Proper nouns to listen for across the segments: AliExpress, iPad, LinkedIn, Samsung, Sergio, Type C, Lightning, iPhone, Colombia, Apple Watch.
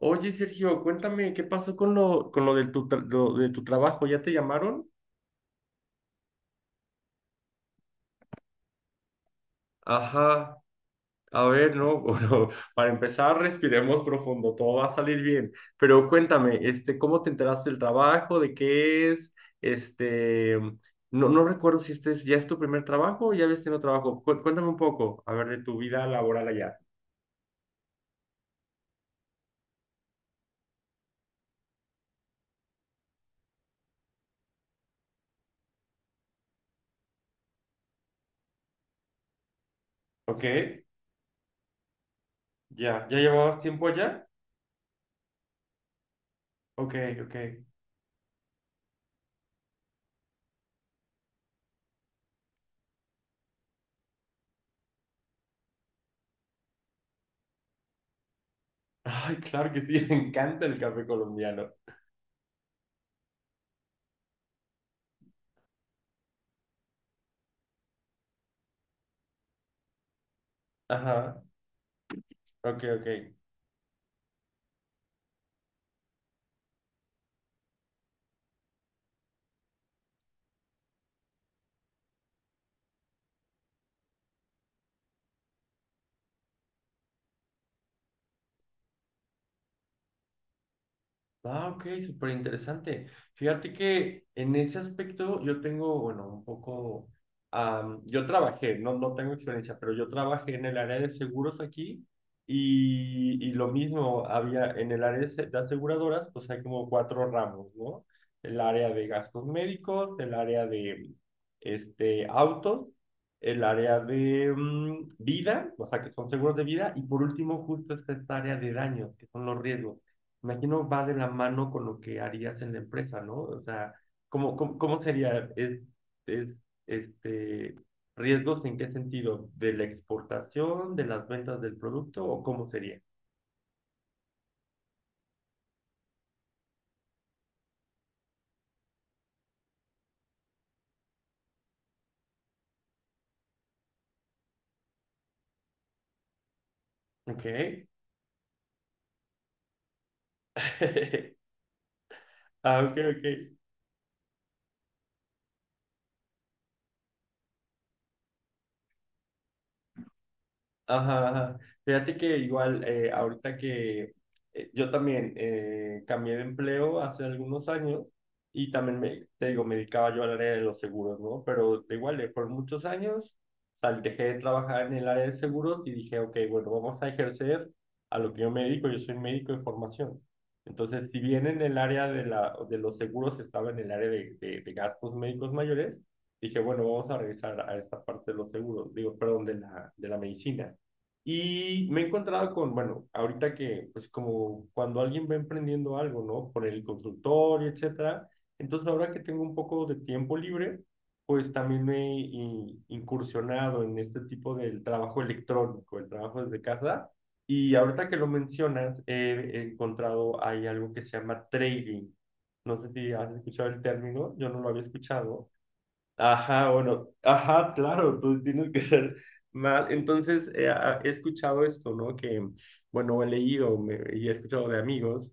Oye, Sergio, cuéntame, ¿qué pasó con lo, del tu tra- lo de tu trabajo? ¿Ya te llamaron? Ajá, a ver, no, bueno, para empezar, respiremos profundo, todo va a salir bien. Pero cuéntame, ¿cómo te enteraste del trabajo? ¿De qué es? Este, no recuerdo si este es, ya es tu primer trabajo o ya habías tenido trabajo. Cuéntame un poco, a ver, de tu vida laboral allá. Ok, ya, ¿ya llevabas tiempo allá? Ok, ok. Ay, claro que sí, me encanta el café colombiano. Ajá, ok, ok. Ah, ok, súper interesante. Fíjate que en ese aspecto yo tengo, bueno, un poco, yo trabajé, no, no tengo experiencia, pero yo trabajé en el área de seguros aquí y lo mismo había en el área de aseguradoras, pues hay como cuatro ramos, ¿no? El área de gastos médicos, el área de autos, el área de vida, o sea, que son seguros de vida, y por último justo está esta área de daños, que son los riesgos. Imagino va de la mano con lo que harías en la empresa, ¿no? O sea, ¿ cómo sería? Es, este, riesgos en qué sentido? ¿De la exportación, de las ventas del producto o cómo sería? Ok. Ah, ok, ok. Ajá, ajá. Fíjate que igual ahorita que yo también cambié de empleo hace algunos años y también me, te digo, me dedicaba yo al área de los seguros, ¿no? Pero de igual, por muchos años dejé de trabajar en el área de seguros y dije, ok, bueno, vamos a ejercer a lo que yo me dedico, yo soy médico de formación. Entonces, si bien en el área de los seguros estaba en el área de gastos médicos mayores, dije, bueno, vamos a regresar a esta parte de los seguros, digo, perdón, de la medicina. Y me he encontrado con, bueno, ahorita que, pues como cuando alguien va emprendiendo algo, ¿no? Por el consultorio, etcétera. Entonces, ahora que tengo un poco de tiempo libre, pues también me he incursionado en este tipo del trabajo electrónico, el trabajo desde casa. Y ahorita que lo mencionas, he encontrado, hay algo que se llama trading. No sé si has escuchado el término, yo no lo había escuchado. Ajá, bueno, ajá, claro, tú tienes que ser mal. Entonces, he escuchado esto, ¿no? Que, bueno, y he escuchado de amigos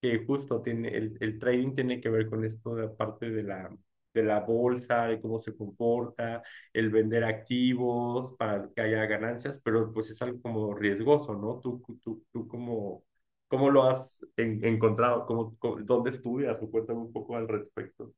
que justo tiene, el trading tiene que ver con esto de la parte de la bolsa, de cómo se comporta, el vender activos para que haya ganancias, pero pues es algo como riesgoso, ¿no? Tú cómo lo has encontrado, dónde estudias, o cuéntame un poco al respecto.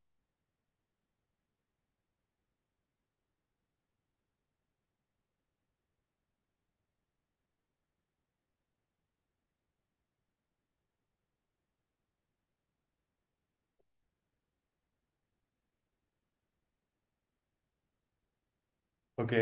Ok.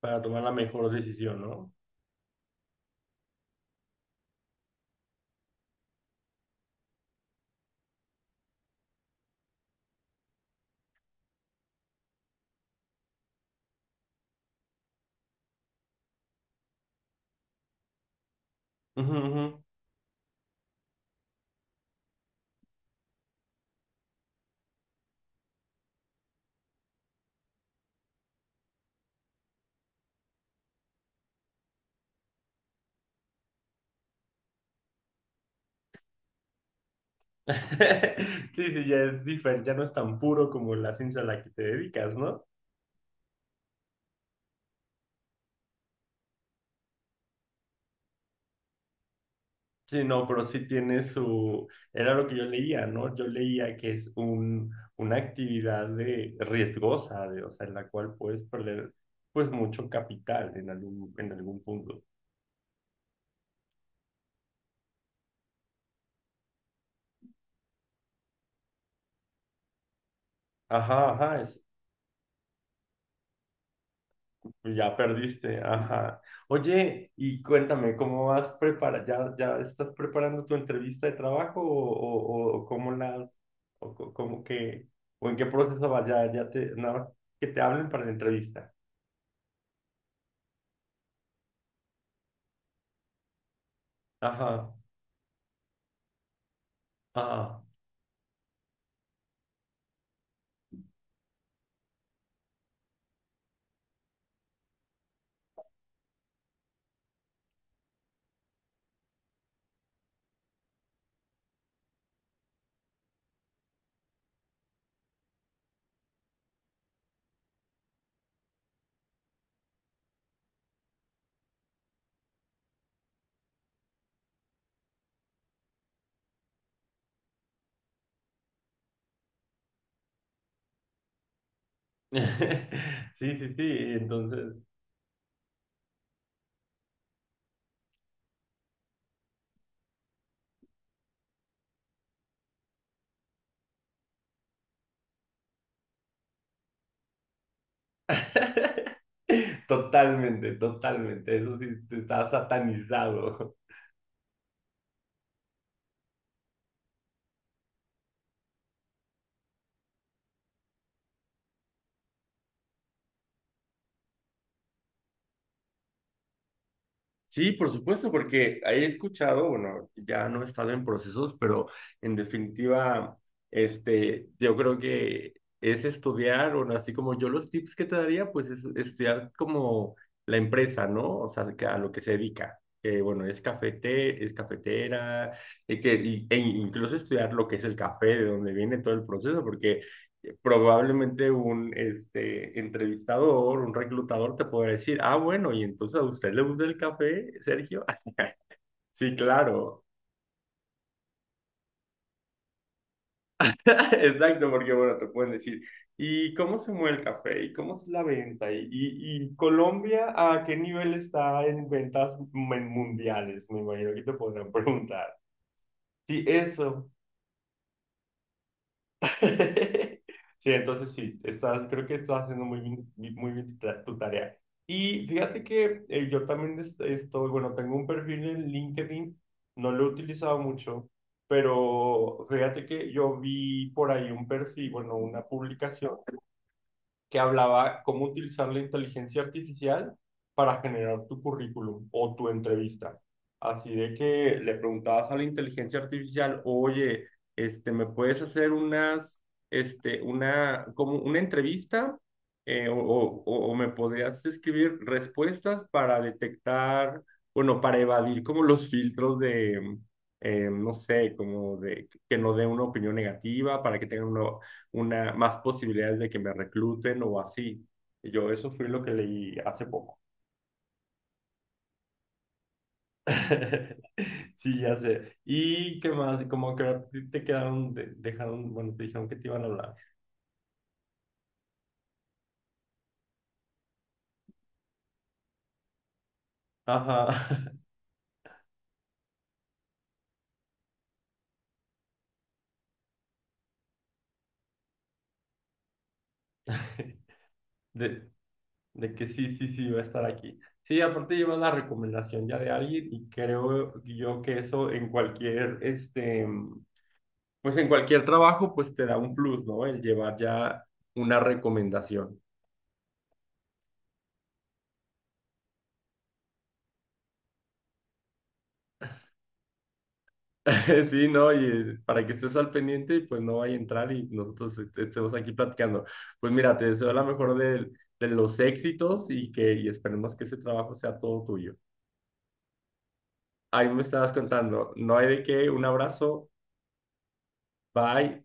Para tomar la mejor decisión, ¿no? Ujú, ujú. Sí, sí, ya es diferente, ya no es tan puro como la ciencia a la que te dedicas, ¿no? Sí, no, pero sí tiene su, era lo que yo leía, ¿no? Yo leía que es una actividad de riesgosa, de, o sea, en la cual puedes perder, pues, mucho capital en en algún punto. Ajá, ajá, pues ya perdiste, ajá. Oye, y cuéntame, ¿cómo vas prepara? ¿ ya estás preparando tu entrevista de trabajo o cómo la o co- cómo que, o en qué proceso vas? Ya te, nada más que te hablen para la entrevista. Ajá, ajá. Sí, sí, sí, entonces. Totalmente, totalmente, eso sí, te está satanizado. Sí, por supuesto, porque he escuchado, bueno, ya no he estado en procesos, pero en definitiva, yo creo que es estudiar, bueno, así como yo los tips que te daría, pues es estudiar como la empresa, ¿no? O sea, que a lo que se dedica. Que bueno, es cafetera, e incluso estudiar lo que es el café, de dónde viene todo el proceso, porque probablemente un entrevistador, un reclutador te puede decir, ah, bueno, y entonces a usted le gusta el café, Sergio. Sí, claro. Exacto, porque bueno, te pueden decir, ¿y cómo se mueve el café? ¿Y cómo es la venta? ¿ y Colombia a qué nivel está en ventas mundiales? Me imagino que te podrán preguntar. Sí, eso. Sí, entonces sí, estás, creo que estás haciendo muy bien tu tarea. Y fíjate que yo también estoy, bueno, tengo un perfil en LinkedIn, no lo he utilizado mucho, pero fíjate que yo vi por ahí un perfil, bueno, una publicación que hablaba cómo utilizar la inteligencia artificial para generar tu currículum o tu entrevista. Así de que le preguntabas a la inteligencia artificial, oye, ¿me puedes hacer como una entrevista? Eh, o, o, o me podrías escribir respuestas para detectar, bueno, para evadir como los filtros de, no sé, como de que no dé una opinión negativa, para que tengan más posibilidades de que me recluten o así. Y yo, eso fue lo que leí hace poco. Sí, ya sé. ¿Y qué más? Como que a ti te quedaron, dejaron, bueno, te dijeron que te iban a hablar. Ajá. De, de que sí, sí, sí, va a estar aquí. Sí, aparte llevas la recomendación ya de alguien y creo yo que eso en cualquier, pues en cualquier trabajo, pues te da un plus, ¿no? El llevar ya una recomendación. Sí, no, y para que estés al pendiente, pues no vaya a entrar y nosotros estemos aquí platicando. Pues mira, te deseo la mejor del- de, los éxitos y esperemos que ese trabajo sea todo tuyo. Ahí me estabas contando, no hay de qué, un abrazo, bye.